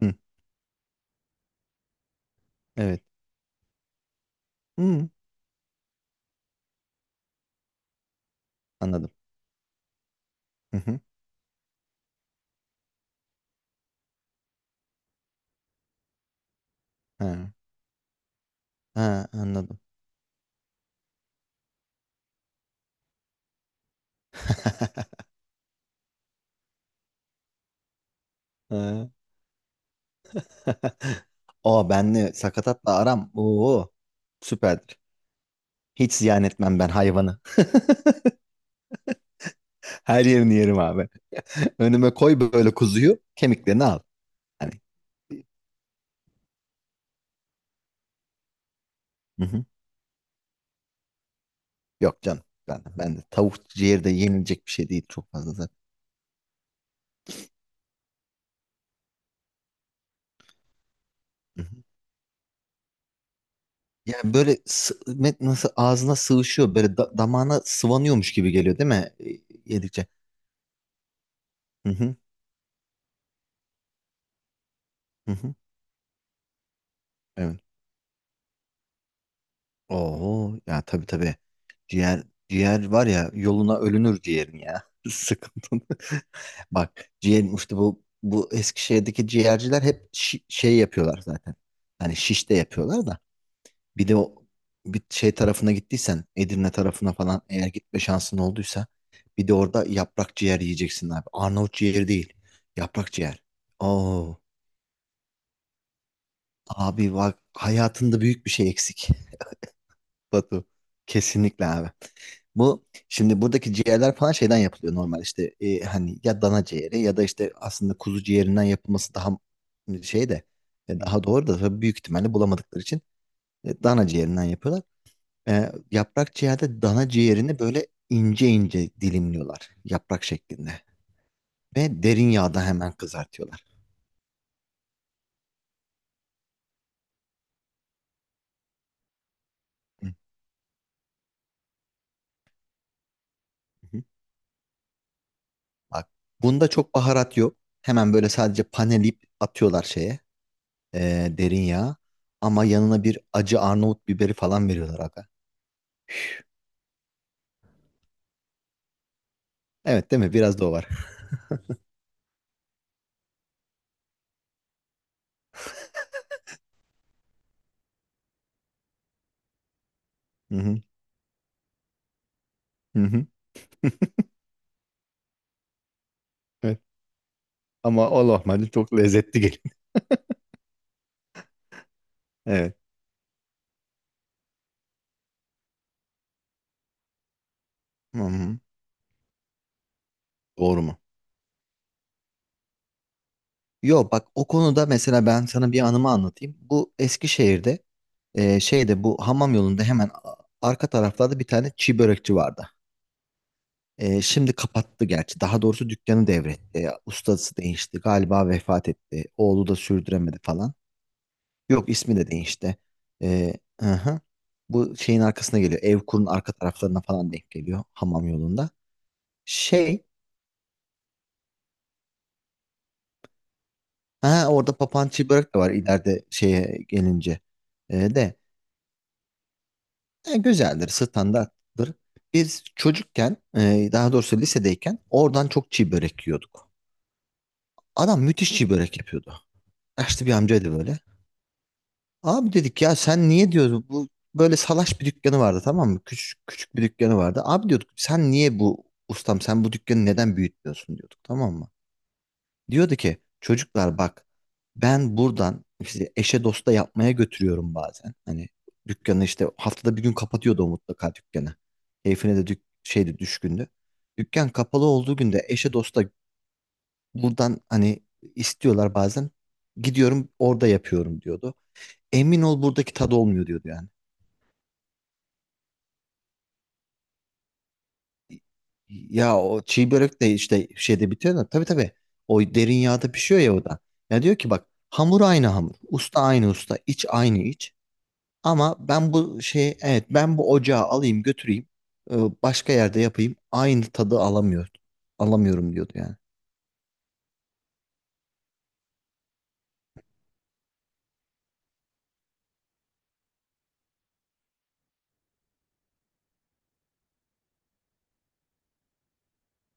Hı, evet. Hı, anladım. Hı hı. Ha, ha, anladım. Ha. O benle sakatatla aram. Oo, süperdir. Hiç ziyan etmem ben hayvanı. Her yerini yerim abi. Önüme koy böyle kuzuyu, kemiklerini al. Hani hı hı. Yok canım. Ben de tavuk ciğeri de yenilecek bir şey değil çok fazla zaten. Hı hı. Yani böyle nasıl ağzına sığışıyor, böyle damağına sıvanıyormuş gibi geliyor değil mi? Yedikçe. Hı hı. Hı hı. Evet. Oo ya tabii tabii. Ciğer ciğer var ya yoluna ölünür ciğerin ya. Sıkıntı. Bak ciğerin işte bu Eskişehir'deki ciğerciler hep şey yapıyorlar zaten. Hani şiş de yapıyorlar da. Bir de o bir şey tarafına gittiysen Edirne tarafına falan eğer gitme şansın olduysa bir de orada yaprak ciğer yiyeceksin abi. Arnavut ciğeri değil. Yaprak ciğer. Oo abi bak hayatında büyük bir şey eksik. Batu. Kesinlikle abi. Bu şimdi buradaki ciğerler falan şeyden yapılıyor normal işte hani ya dana ciğeri ya da işte aslında kuzu ciğerinden yapılması daha şey de daha doğru da tabii büyük ihtimalle bulamadıkları için dana ciğerinden yapıyorlar. Yaprak ciğerde dana ciğerini böyle ince ince dilimliyorlar yaprak şeklinde ve derin yağda hemen kızartıyorlar. Hı hı. Bak bunda çok baharat yok. Hemen böyle sadece panelip atıyorlar şeye derin yağa ama yanına bir acı Arnavut biberi falan veriyorlar aga. Evet değil mi? Biraz da o var. Hı hı. Hı hı. Evet. Ama o lahmacun çok lezzetli geliyor. Evet. Hı hı. Doğru mu? Yo bak o konuda mesela ben sana bir anımı anlatayım. Bu Eskişehir'de şeyde bu hamam yolunda hemen arka taraflarda bir tane çiğ börekçi vardı. Şimdi kapattı gerçi. Daha doğrusu dükkanı devretti. Ustası değişti. Galiba vefat etti. Oğlu da sürdüremedi falan. Yok ismi de değişti. E, hı hı. Bu şeyin arkasına geliyor. Evkur'un arka taraflarına falan denk geliyor hamam yolunda. Şey, ha orada papağan börek de var ileride şeye gelince. De güzeldir, standarttır. Biz çocukken, daha doğrusu lisedeyken oradan çok çiğ börek yiyorduk. Adam müthiş çiğ börek yapıyordu. Yaşlı bir amcaydı böyle. Abi dedik ya sen niye diyordu bu böyle salaş bir dükkanı vardı tamam mı? Küçük küçük bir dükkanı vardı. Abi diyorduk sen niye bu ustam sen bu dükkanı neden büyütmüyorsun diyorduk tamam mı? Diyordu ki çocuklar bak ben buradan işte eşe dosta yapmaya götürüyorum bazen. Hani dükkanı işte haftada bir gün kapatıyordu o mutlaka dükkanı. Keyfine de şeydi düşkündü. Dükkan kapalı olduğu günde eşe dosta buradan hani istiyorlar bazen. Gidiyorum orada yapıyorum diyordu. Emin ol buradaki tadı olmuyor diyordu yani. Ya o çiğ börek de işte şeyde bitiyor da tabii tabii o derin yağda pişiyor ya o da. Ya diyor ki bak hamur aynı hamur, usta aynı usta, iç aynı iç. Ama ben bu şey evet ben bu ocağı alayım götüreyim e, başka yerde yapayım aynı tadı alamıyorum diyordu yani.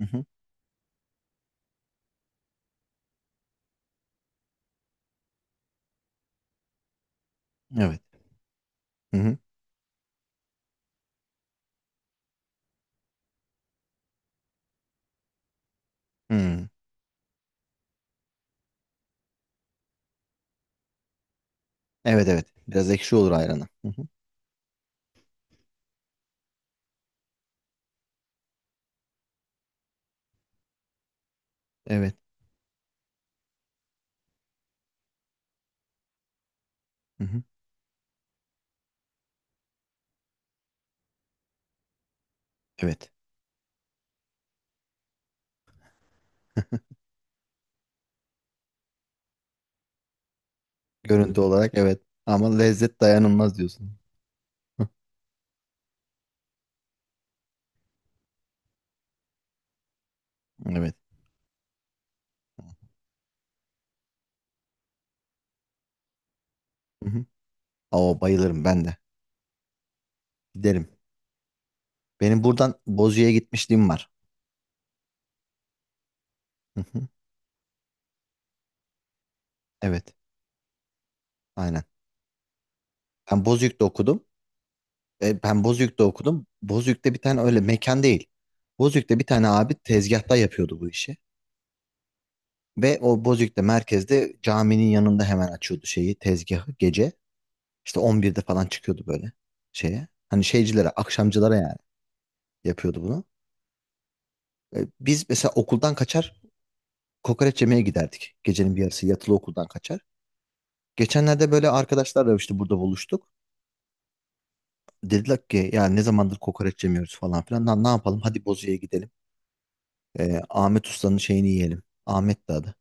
Hı hı. Evet. Hı hı. Hı. Evet evet biraz ekşi olur ayranı. Hı hı. Evet. Hı hı. Evet. Görüntü olarak evet ama lezzet dayanılmaz diyorsun. Hı. Evet. Hı hı. Oo, bayılırım ben de. Giderim. Benim buradan Bozüyük'e gitmişliğim var. Hı hı. Evet. Aynen. Ben Bozüyük'te okudum. Ben Bozüyük'te okudum. Bozüyük'te bir tane öyle mekan değil. Bozüyük'te bir tane abi tezgahta yapıyordu bu işi. Ve o Bozüyük'te merkezde caminin yanında hemen açıyordu şeyi tezgahı gece. İşte 11'de falan çıkıyordu böyle şeye. Hani şeycilere, akşamcılara yani yapıyordu bunu. Biz mesela okuldan kaçar kokoreç yemeye giderdik. Gecenin bir yarısı yatılı okuldan kaçar. Geçenlerde böyle arkadaşlarla işte burada buluştuk. Dediler ki ya ne zamandır kokoreç yemiyoruz falan filan. Lan ne yapalım hadi Bozüyük'e gidelim. Ahmet Usta'nın şeyini yiyelim. Ahmet de adı.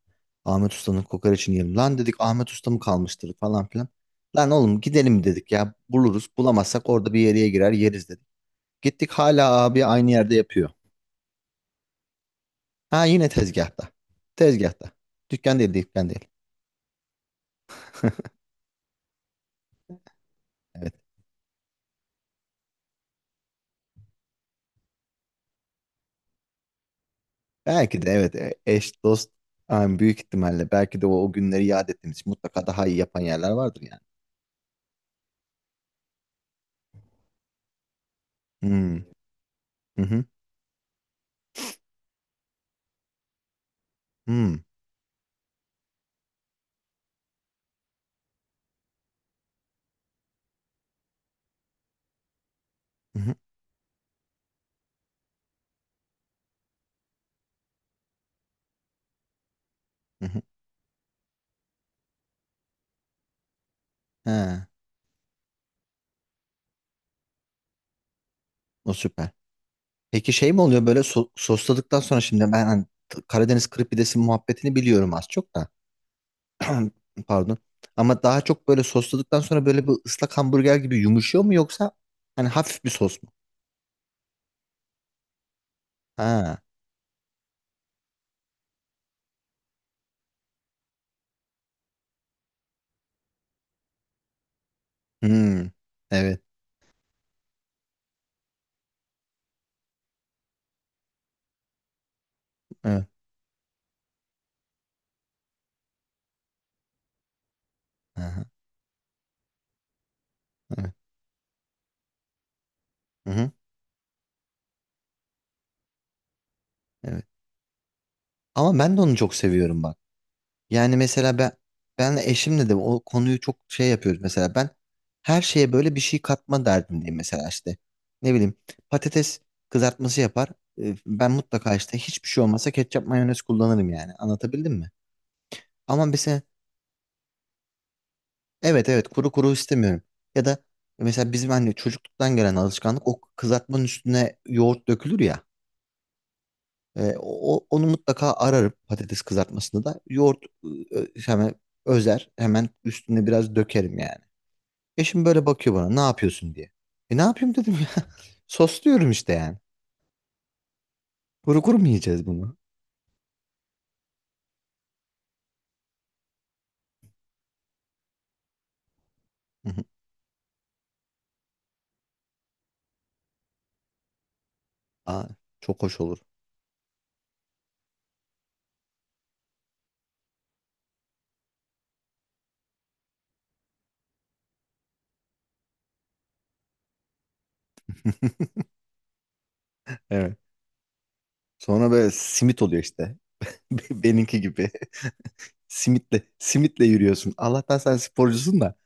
Ahmet Usta'nın kokoreçini yiyelim. Lan dedik Ahmet Usta mı kalmıştır falan filan. Lan oğlum gidelim dedik ya buluruz. Bulamazsak orada bir yere girer yeriz dedik. Gittik hala abi aynı yerde yapıyor. Ha yine tezgahta. Tezgahta. Dükkan değil dükkan değil. Evet. Belki de evet eş dost yani büyük ihtimalle belki de o, o günleri yad ettiğimiz için mutlaka daha iyi yapan yerler vardır yani. Hmm. Hı hı. Hmm. Hı hı. Hı hı. Ha. O süper. Peki şey mi oluyor böyle sosladıktan sonra şimdi ben hani Karadeniz kırık pidesi muhabbetini biliyorum az çok da. Pardon. Ama daha çok böyle sosladıktan sonra böyle bir ıslak hamburger gibi yumuşuyor mu yoksa hani hafif bir sos mu? Ha. Hmm. Evet. Evet. Aha, evet. Hı-hı. Evet. Ama ben de onu çok seviyorum bak. Yani mesela ben eşimle de o konuyu çok şey yapıyoruz mesela ben her şeye böyle bir şey katma derdindeyim mesela işte ne bileyim patates kızartması yapar. Ben mutlaka işte hiçbir şey olmasa ketçap mayonez kullanırım yani anlatabildim mi? Ama mesela evet evet kuru kuru istemiyorum ya da mesela bizim anne çocukluktan gelen alışkanlık o kızartmanın üstüne yoğurt dökülür ya. Onu mutlaka ararım patates kızartmasında da yoğurt hemen özer hemen üstüne biraz dökerim yani. Eşim böyle bakıyor bana ne yapıyorsun diye. E ne yapayım dedim ya. Sosluyorum işte yani. Kuru kuru mu yiyeceğiz bunu? Hı hı. Aa, çok hoş olur. Evet. Sonra böyle simit oluyor işte. Benimki gibi. Simitle, simitle yürüyorsun. Allah'tan sen sporcusun da.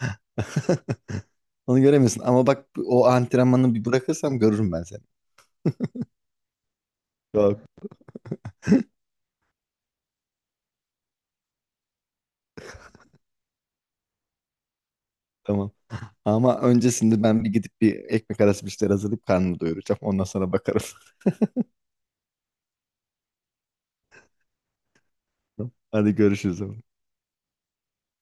Onu göremiyorsun. Ama bak o antrenmanı bir bırakırsam görürüm ben seni. Yok. Tamam. Ama öncesinde ben bir gidip bir ekmek arası bir şeyler hazırlayıp karnımı doyuracağım. Ondan sonra bakarım. Hadi görüşürüz.